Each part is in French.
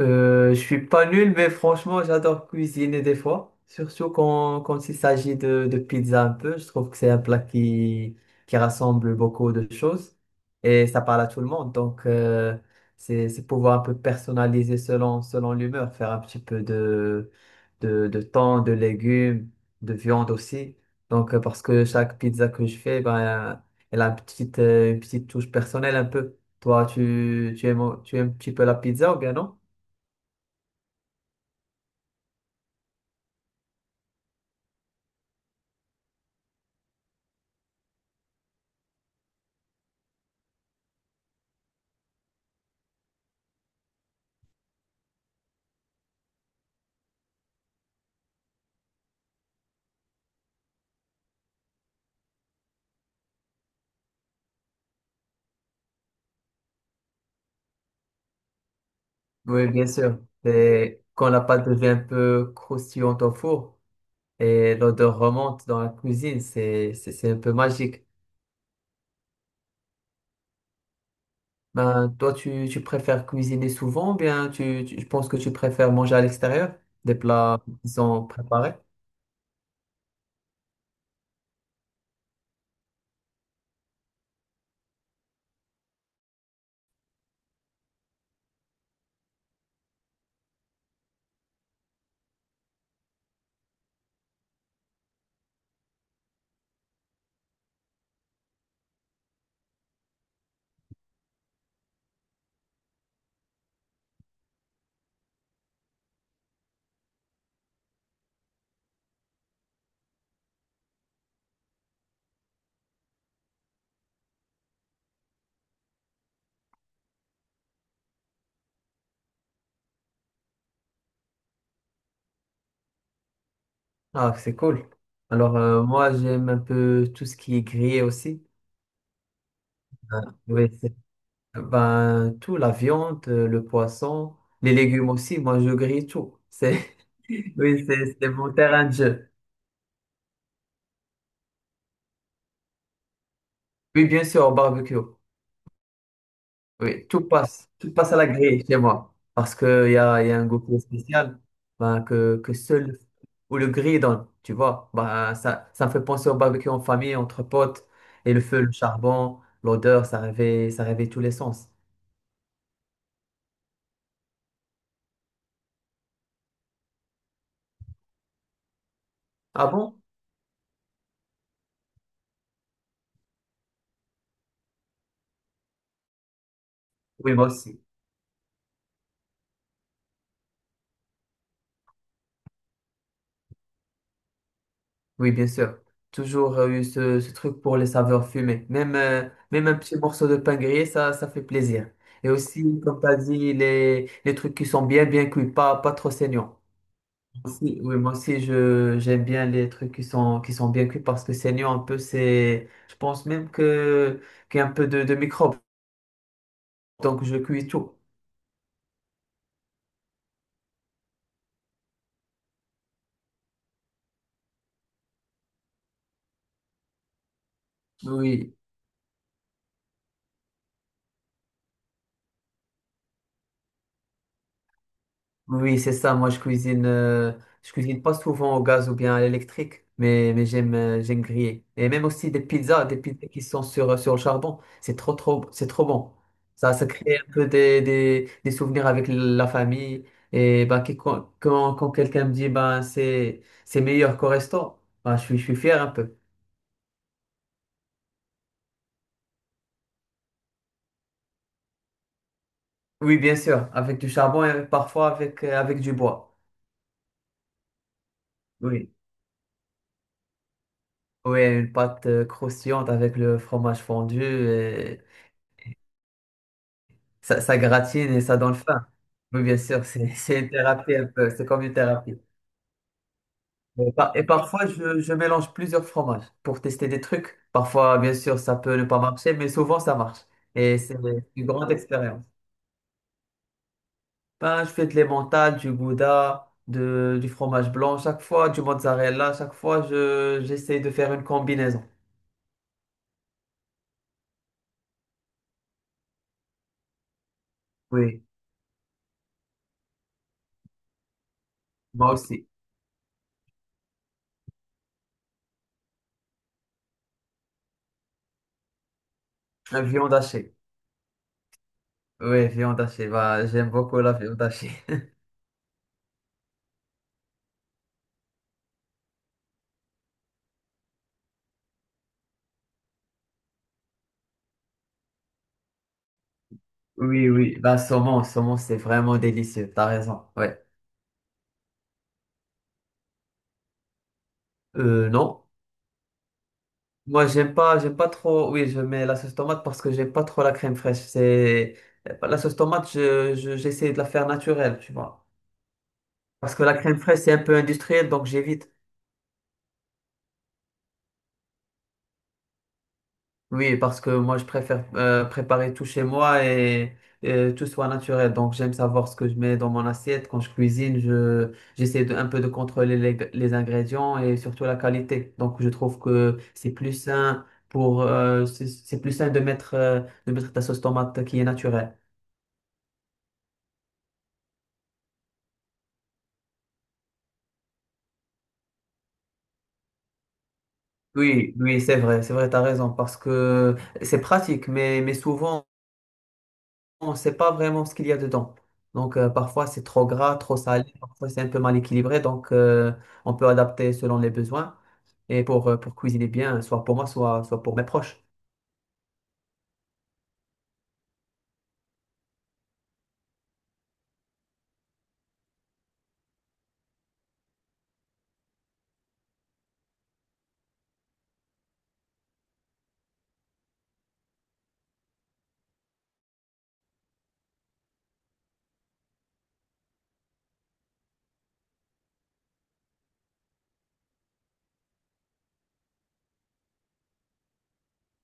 Je suis pas nul, mais franchement, j'adore cuisiner des fois. Surtout quand il s'agit de pizza un peu. Je trouve que c'est un plat qui rassemble beaucoup de choses et ça parle à tout le monde. Donc, c'est pouvoir un peu personnaliser selon l'humeur, faire un petit peu de thon, de légumes, de viande aussi. Donc, parce que chaque pizza que je fais, ben, elle a une petite touche personnelle un peu. Toi, tu aimes un petit peu la pizza ou bien non? Oui, bien sûr. Et quand la pâte devient un peu croustillante au four et l'odeur remonte dans la cuisine, c'est un peu magique. Ben, toi, tu préfères cuisiner souvent ou bien je pense que tu préfères manger à l'extérieur des plats qui sont préparés? Ah, c'est cool. Alors, moi, j'aime un peu tout ce qui est grillé aussi. Ben, ben, tout, la viande, le poisson, les légumes aussi. Moi, je grille tout. Oui, c'est mon terrain de jeu. Oui, bien sûr, au barbecue. Oui, tout passe. Tout passe à la grille chez moi. Parce qu'il y a un goût qui est spécial ben, que seul ou le grill donne. Tu vois, ben, ça me fait penser au barbecue en famille, entre potes. Et le feu, le charbon, l'odeur, ça réveille tous les sens. Ah bon? Oui, moi aussi. Oui, bien sûr. Toujours eu ce truc pour les saveurs fumées. Même, même un petit morceau de pain grillé, ça fait plaisir. Et aussi, comme tu as dit, les trucs qui sont bien cuits, pas trop saignants. Oui, moi aussi, j'aime bien les trucs qui sont bien cuits parce que saignant un peu, je pense même qu'il y a un peu de microbes. Donc, je cuis tout. Oui. Oui, c'est ça. Moi, je cuisine pas souvent au gaz ou bien à l'électrique, mais j'aime, j'aime griller. Et même aussi des pizzas qui sont sur, sur le charbon. C'est c'est trop bon. Ça crée un peu des souvenirs avec la famille. Et bah, quand quelqu'un me dit, ben, c'est meilleur qu'au resto, ben, je suis fier un peu. Oui, bien sûr, avec du charbon et parfois avec, avec du bois. Oui. Oui, une pâte croustillante avec le fromage fondu. Ça gratine et ça donne faim. Oui, bien sûr, c'est c'est une thérapie un peu, c'est comme une thérapie. Et, et parfois, je mélange plusieurs fromages pour tester des trucs. Parfois, bien sûr, ça peut ne pas marcher, mais souvent, ça marche. Et c'est une grande expérience. Ben, je fais de l'emmental, du gouda, du fromage blanc chaque fois, du mozzarella. Chaque fois, j'essaie de faire une combinaison. Oui, moi aussi. La viande hachée. Oui, viande hachée. Bah, j'aime beaucoup la viande hachée. Oui, oui, la saumon, saumon, c'est vraiment délicieux, t'as raison, ouais. Non, moi, j'aime pas trop, oui, je mets la sauce tomate parce que j'aime pas trop la crème fraîche, la sauce tomate, j'essaie de la faire naturelle, tu vois. Parce que la crème fraîche, c'est un peu industriel, donc j'évite. Oui, parce que moi, je préfère préparer tout chez moi et tout soit naturel. Donc, j'aime savoir ce que je mets dans mon assiette. Quand je cuisine, j'essaie de, un peu de contrôler les ingrédients et surtout la qualité. Donc, je trouve que c'est plus sain pour, c'est plus sain de mettre ta sauce tomate qui est naturelle. Oui, c'est vrai, t'as raison, parce que c'est pratique, mais souvent, on ne sait pas vraiment ce qu'il y a dedans. Donc parfois c'est trop gras, trop salé, parfois c'est un peu mal équilibré, donc on peut adapter selon les besoins et pour cuisiner bien, soit pour moi, soit pour mes proches.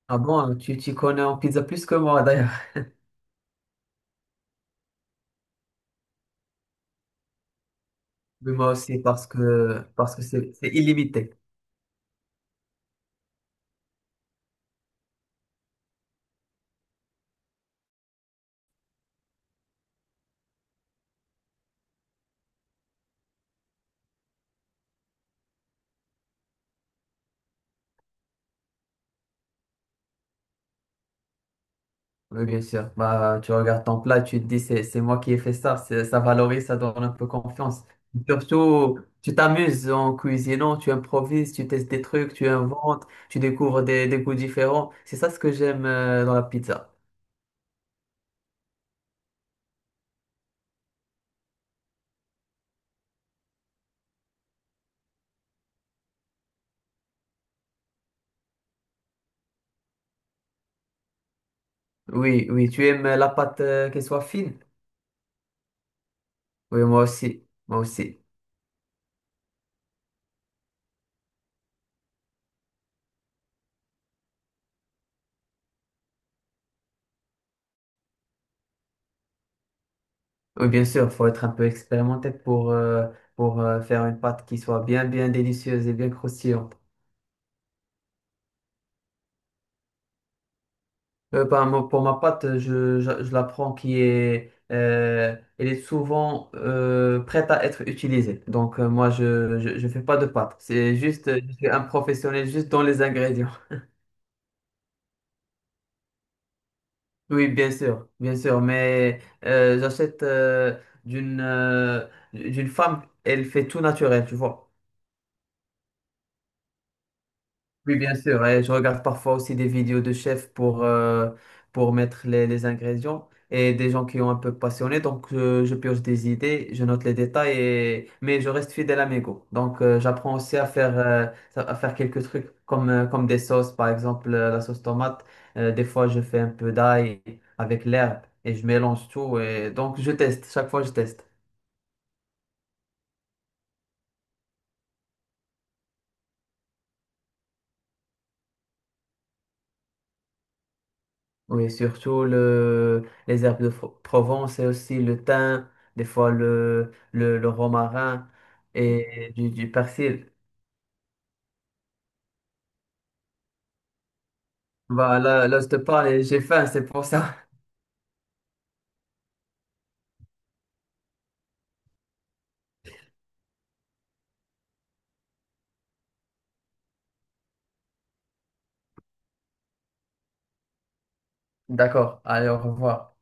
Ah bon, tu connais en pizza plus que moi d'ailleurs, mais moi aussi parce que c'est illimité. Oui, bien sûr. Bah, tu regardes ton plat, tu te dis, c'est moi qui ai fait ça. Ça valorise, ça donne un peu confiance. Surtout, tu t'amuses en cuisinant, tu improvises, tu testes des trucs, tu inventes, tu découvres des goûts différents. C'est ça ce que j'aime dans la pizza. Oui, oui, tu aimes la pâte qu'elle soit fine? Oui, moi aussi. Moi aussi. Oui, bien sûr, faut être un peu expérimenté pour, faire une pâte qui soit bien délicieuse et bien croustillante. Bah, moi, pour ma pâte, je la prends qui est, elle est souvent prête à être utilisée. Donc, moi, je fais pas de pâte. C'est juste, je suis un professionnel juste dans les ingrédients. Oui, bien sûr, bien sûr. Mais j'achète d'une euh, d'une femme, elle fait tout naturel, tu vois. Oui, bien sûr. Et je regarde parfois aussi des vidéos de chefs pour mettre les ingrédients et des gens qui ont un peu passionné. Donc, je pioche des idées, je note les détails, et mais je reste fidèle à mes goûts. Donc, j'apprends aussi à faire quelques trucs comme, comme des sauces, par exemple la sauce tomate. Des fois, je fais un peu d'ail avec l'herbe et je mélange tout. Et... Donc, je teste. Chaque fois, je teste. Oui, surtout le, les herbes de Provence et aussi le thym, des fois le romarin et du persil. Voilà, là, je te parle et j'ai faim, c'est pour ça. D'accord, allez, au revoir.